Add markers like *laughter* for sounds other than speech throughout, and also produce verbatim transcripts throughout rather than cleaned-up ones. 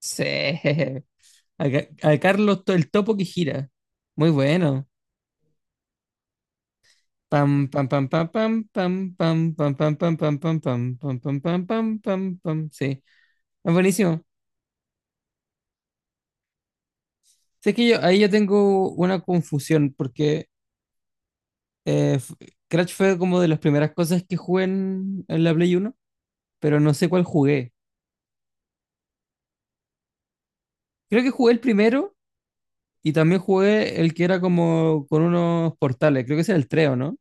Sí. *laughs* A, Ca- a Carlos to- el topo que gira. Muy bueno. Pam, pam, pam, pam, pam, pam, pam, pam, pam, pam, pam, pam, pam, pam, pam, pam, pam, pam, pam. Sí. Es buenísimo. Sé que yo, ahí yo tengo una confusión porque eh, f- Crash fue como de las primeras cosas que jugué en, en la Play Uno, pero no sé cuál jugué. Creo que jugué el primero y también jugué el que era como con unos portales. Creo que ese era el tres, ¿o ¿no?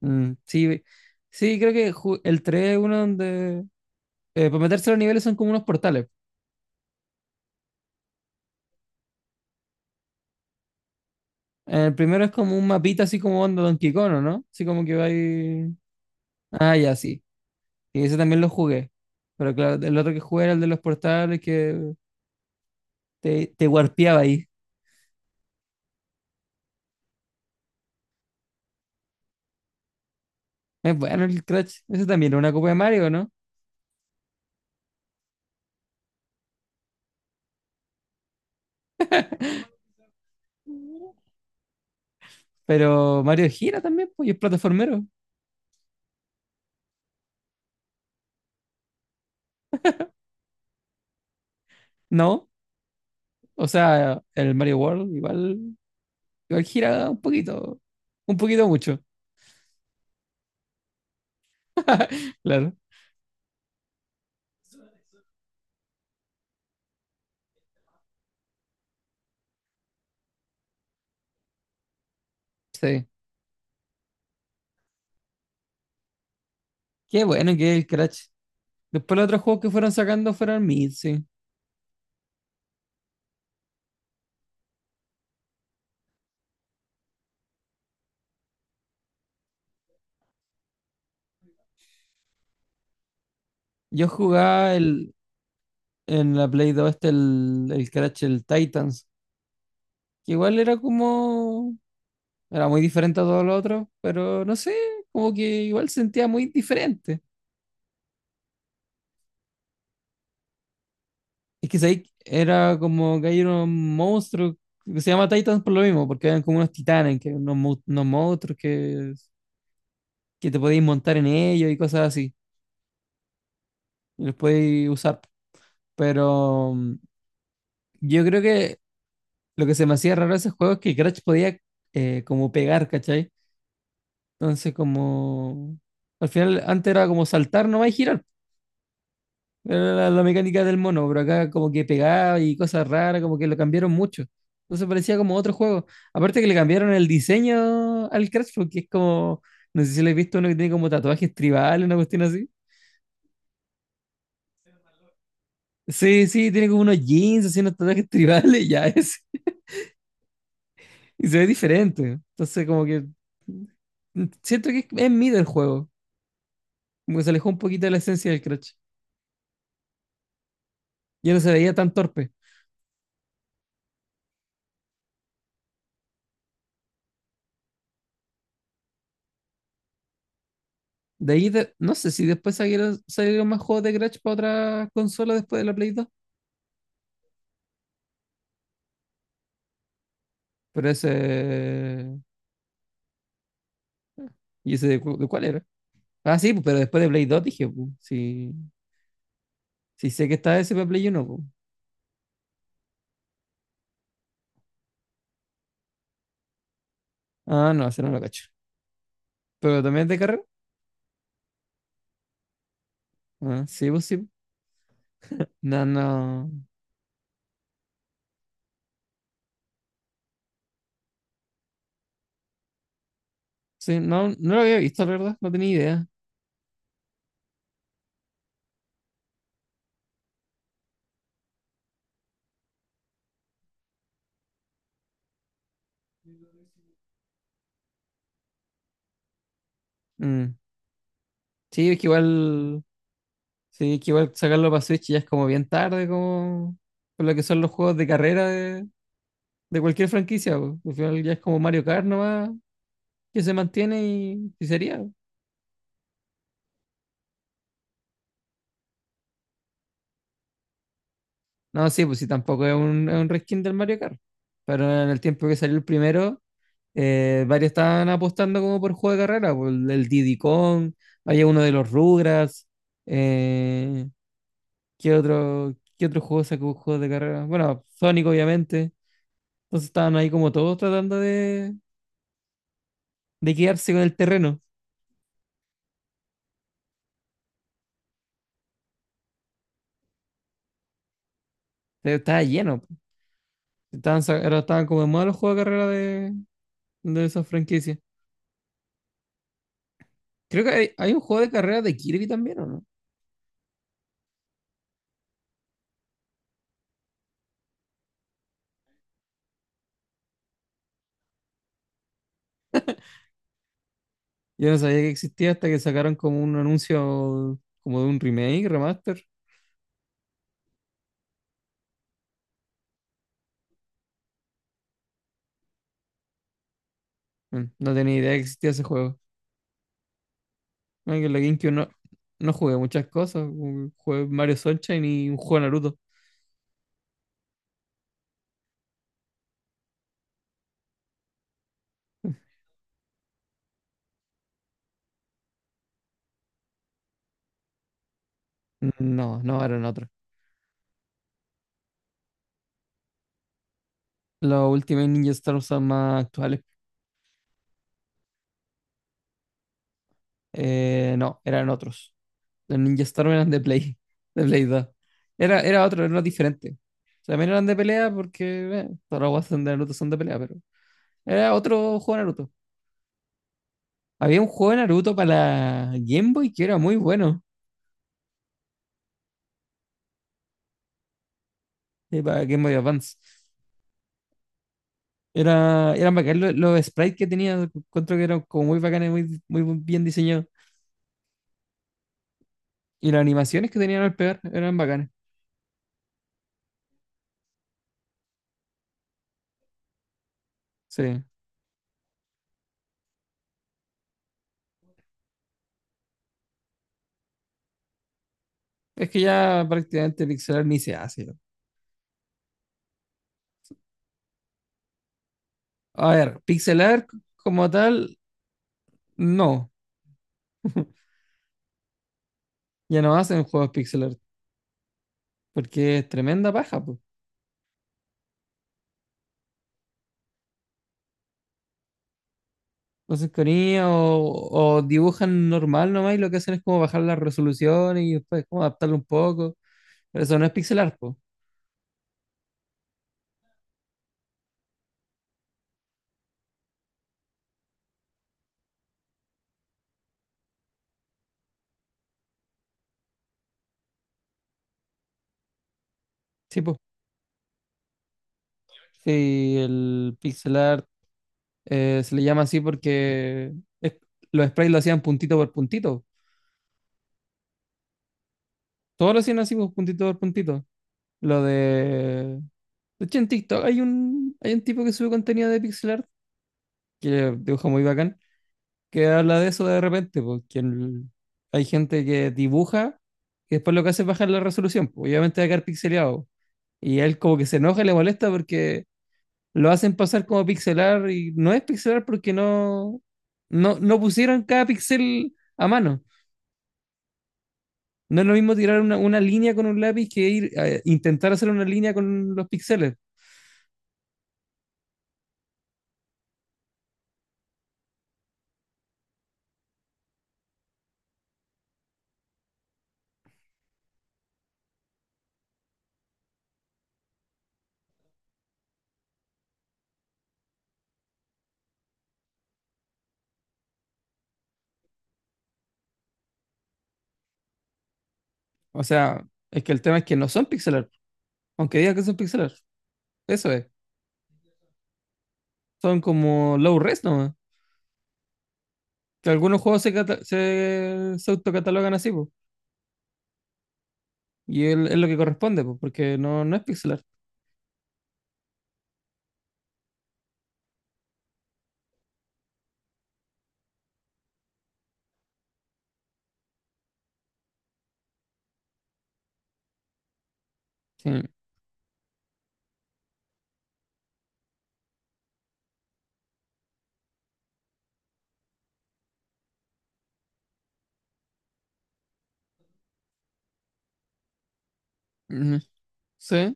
Mm, sí, sí, creo que ju- el tres es uno donde eh, para meterse a los niveles son como unos portales. El primero es como un mapita así como onda Donkey Kong, ¿o ¿no? Así como que va ahí. Ah, ya, sí. Y ese también lo jugué. Pero claro, el otro que jugué era el de los portales que te, te warpeaba ahí. Es bueno el Crash. Ese también era una copia de Mario, ¿no? Pero Mario gira también, pues, y es plataformero. ¿No? O sea, el Mario World igual, igual gira un poquito. Un poquito mucho. *laughs* Claro, sí. Qué bueno que es el Crash. Después los otros juegos que fueron sacando fueron Mid, sí. Yo jugaba el, en la Play dos este, el, el Crash, el Titans, que igual era como. Era muy diferente a todos los otros, pero no sé, como que igual sentía muy diferente. Es que ahí era como que hay unos monstruos que se llama Titans por lo mismo, porque eran como unos titanes, que unos, mon- unos monstruos que, que te podéis montar en ellos y cosas así. Y los podéis usar. Pero mm, yo creo que lo que se me hacía raro de ese juego es que Crash podía eh, como pegar, ¿cachai? Entonces, como, al final, antes era como saltar nomás y girar. Era la, la mecánica del mono, pero acá como que pegaba y cosas raras, como que lo cambiaron mucho. Entonces parecía como otro juego. Aparte que le cambiaron el diseño al Crash, porque es como, no sé si lo he visto uno que tiene como tatuajes tribales, una cuestión así. Sí, sí, tiene como unos jeans, así unos tatuajes *laughs* tribales, ya es. Y se ve diferente. Entonces, como que siento que es, es mid el juego. Como que se alejó un poquito de la esencia del Crash. Ya no se veía tan torpe. De ahí, de- no sé si después salieron, salieron más juegos de Crash para otra consola después de la Play dos. Pero ese. ¿Y ese de, cu- de cuál era? Ah, sí, pues, pero después de Play dos dije, pues, sí, sí sé que está ese para Play uno pues. Ah, no, ese no lo cacho. ¿Pero también es de carrera? Ah, sí, pues sí. No, no. Sí, no, no lo había visto, la verdad. No tenía idea. Mm. Sí, es que igual. Sí, que igual sacarlo para Switch ya es como bien tarde, como por lo que son los juegos de carrera de, de cualquier franquicia, po. Al final ya es como Mario Kart nomás, que se mantiene y, y sería, po. No, sí, pues sí, tampoco es un, es un reskin del Mario Kart. Pero en el tiempo que salió el primero, eh, varios estaban apostando como por juego de carrera, por el, el Diddy Kong, había uno de los Rugrats, eh, ¿qué otro, qué otro juego sacó juegos de carrera? Bueno, Sonic obviamente. Entonces estaban ahí como todos tratando de de quedarse con el terreno. Estaba lleno. Estaban, sa- ahora estaban como de moda los juegos de carrera de, de esas franquicias. Creo que hay, hay un juego de carrera de Kirby también, ¿o no? Yo no sabía que existía hasta que sacaron como un anuncio como de un remake, remaster. Mm, no tenía idea que existía ese juego. No, que en la GameCube no, no jugué muchas cosas. Como jugué Mario Sunshine y un juego de Naruto. Mm, no, no, eran otros. Los Ultimate Ninja Stars son más actuales. Eh, no, eran otros. Los Ninja Storm eran de Play, de Play dos. Era, era otro, era uno diferente. También eran de pelea porque eh, todas las guas de Naruto son de pelea, pero era otro juego de Naruto. Había un juego de Naruto para la Game Boy que era muy bueno, eh, para Game Boy Advance. Era, eran bacán lo- los, sprites que tenía, encuentro que eran como muy bacanes, muy, muy bien diseñados. Y las animaciones que tenían al pegar eran bacanas. Sí. Es que ya prácticamente pixelar ni se hace. A ver, pixelar como tal, no. *laughs* Ya no hacen juegos pixel art, porque es tremenda paja, pues. Entonces, con i a o, o dibujan normal nomás y lo que hacen es como bajar la resolución y después como adaptarlo un poco. Pero eso no es pixel art, po. Sí, po. Sí, el pixel art eh, se le llama así porque es- los sprites lo hacían puntito por puntito. Todos lo hacían así, pues, puntito por puntito. Lo de. De hecho, en TikTok hay un, hay un tipo que sube contenido de pixel art que dibuja muy bacán, que habla de eso de repente, porque el- hay gente que dibuja y después lo que hace es bajar la resolución, pues, obviamente va a quedar pixeleado. Y él como que se enoja y le molesta porque lo hacen pasar como pixelar y no es pixelar porque no, no, no pusieron cada pixel a mano. No es lo mismo tirar una, una línea con un lápiz que ir a intentar hacer una línea con los píxeles. O sea, es que el tema es que no son pixelar, aunque digan que son pixelar. Eso es. Son como low res, ¿no? Que algunos juegos se, cata- se, se autocatalogan así, po, y él- es lo que corresponde, po, porque no, no es pixelar. Sí. Ujú. Sí,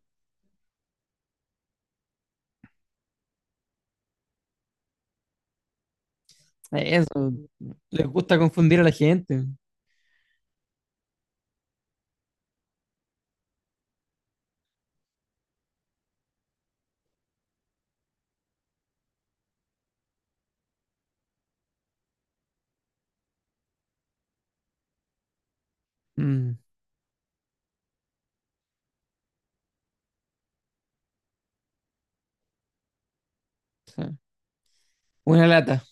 eso. Les gusta confundir a la gente. Mm, sí. Una lata.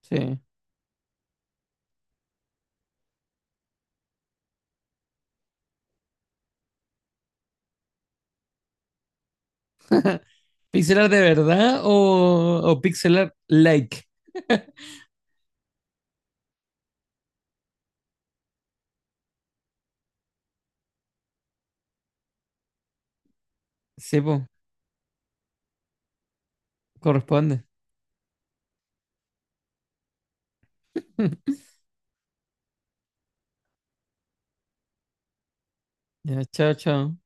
Sí. ¿Pixelar de verdad o, o pixelar like? Sí, po, corresponde. *laughs* Ya, chao, chao.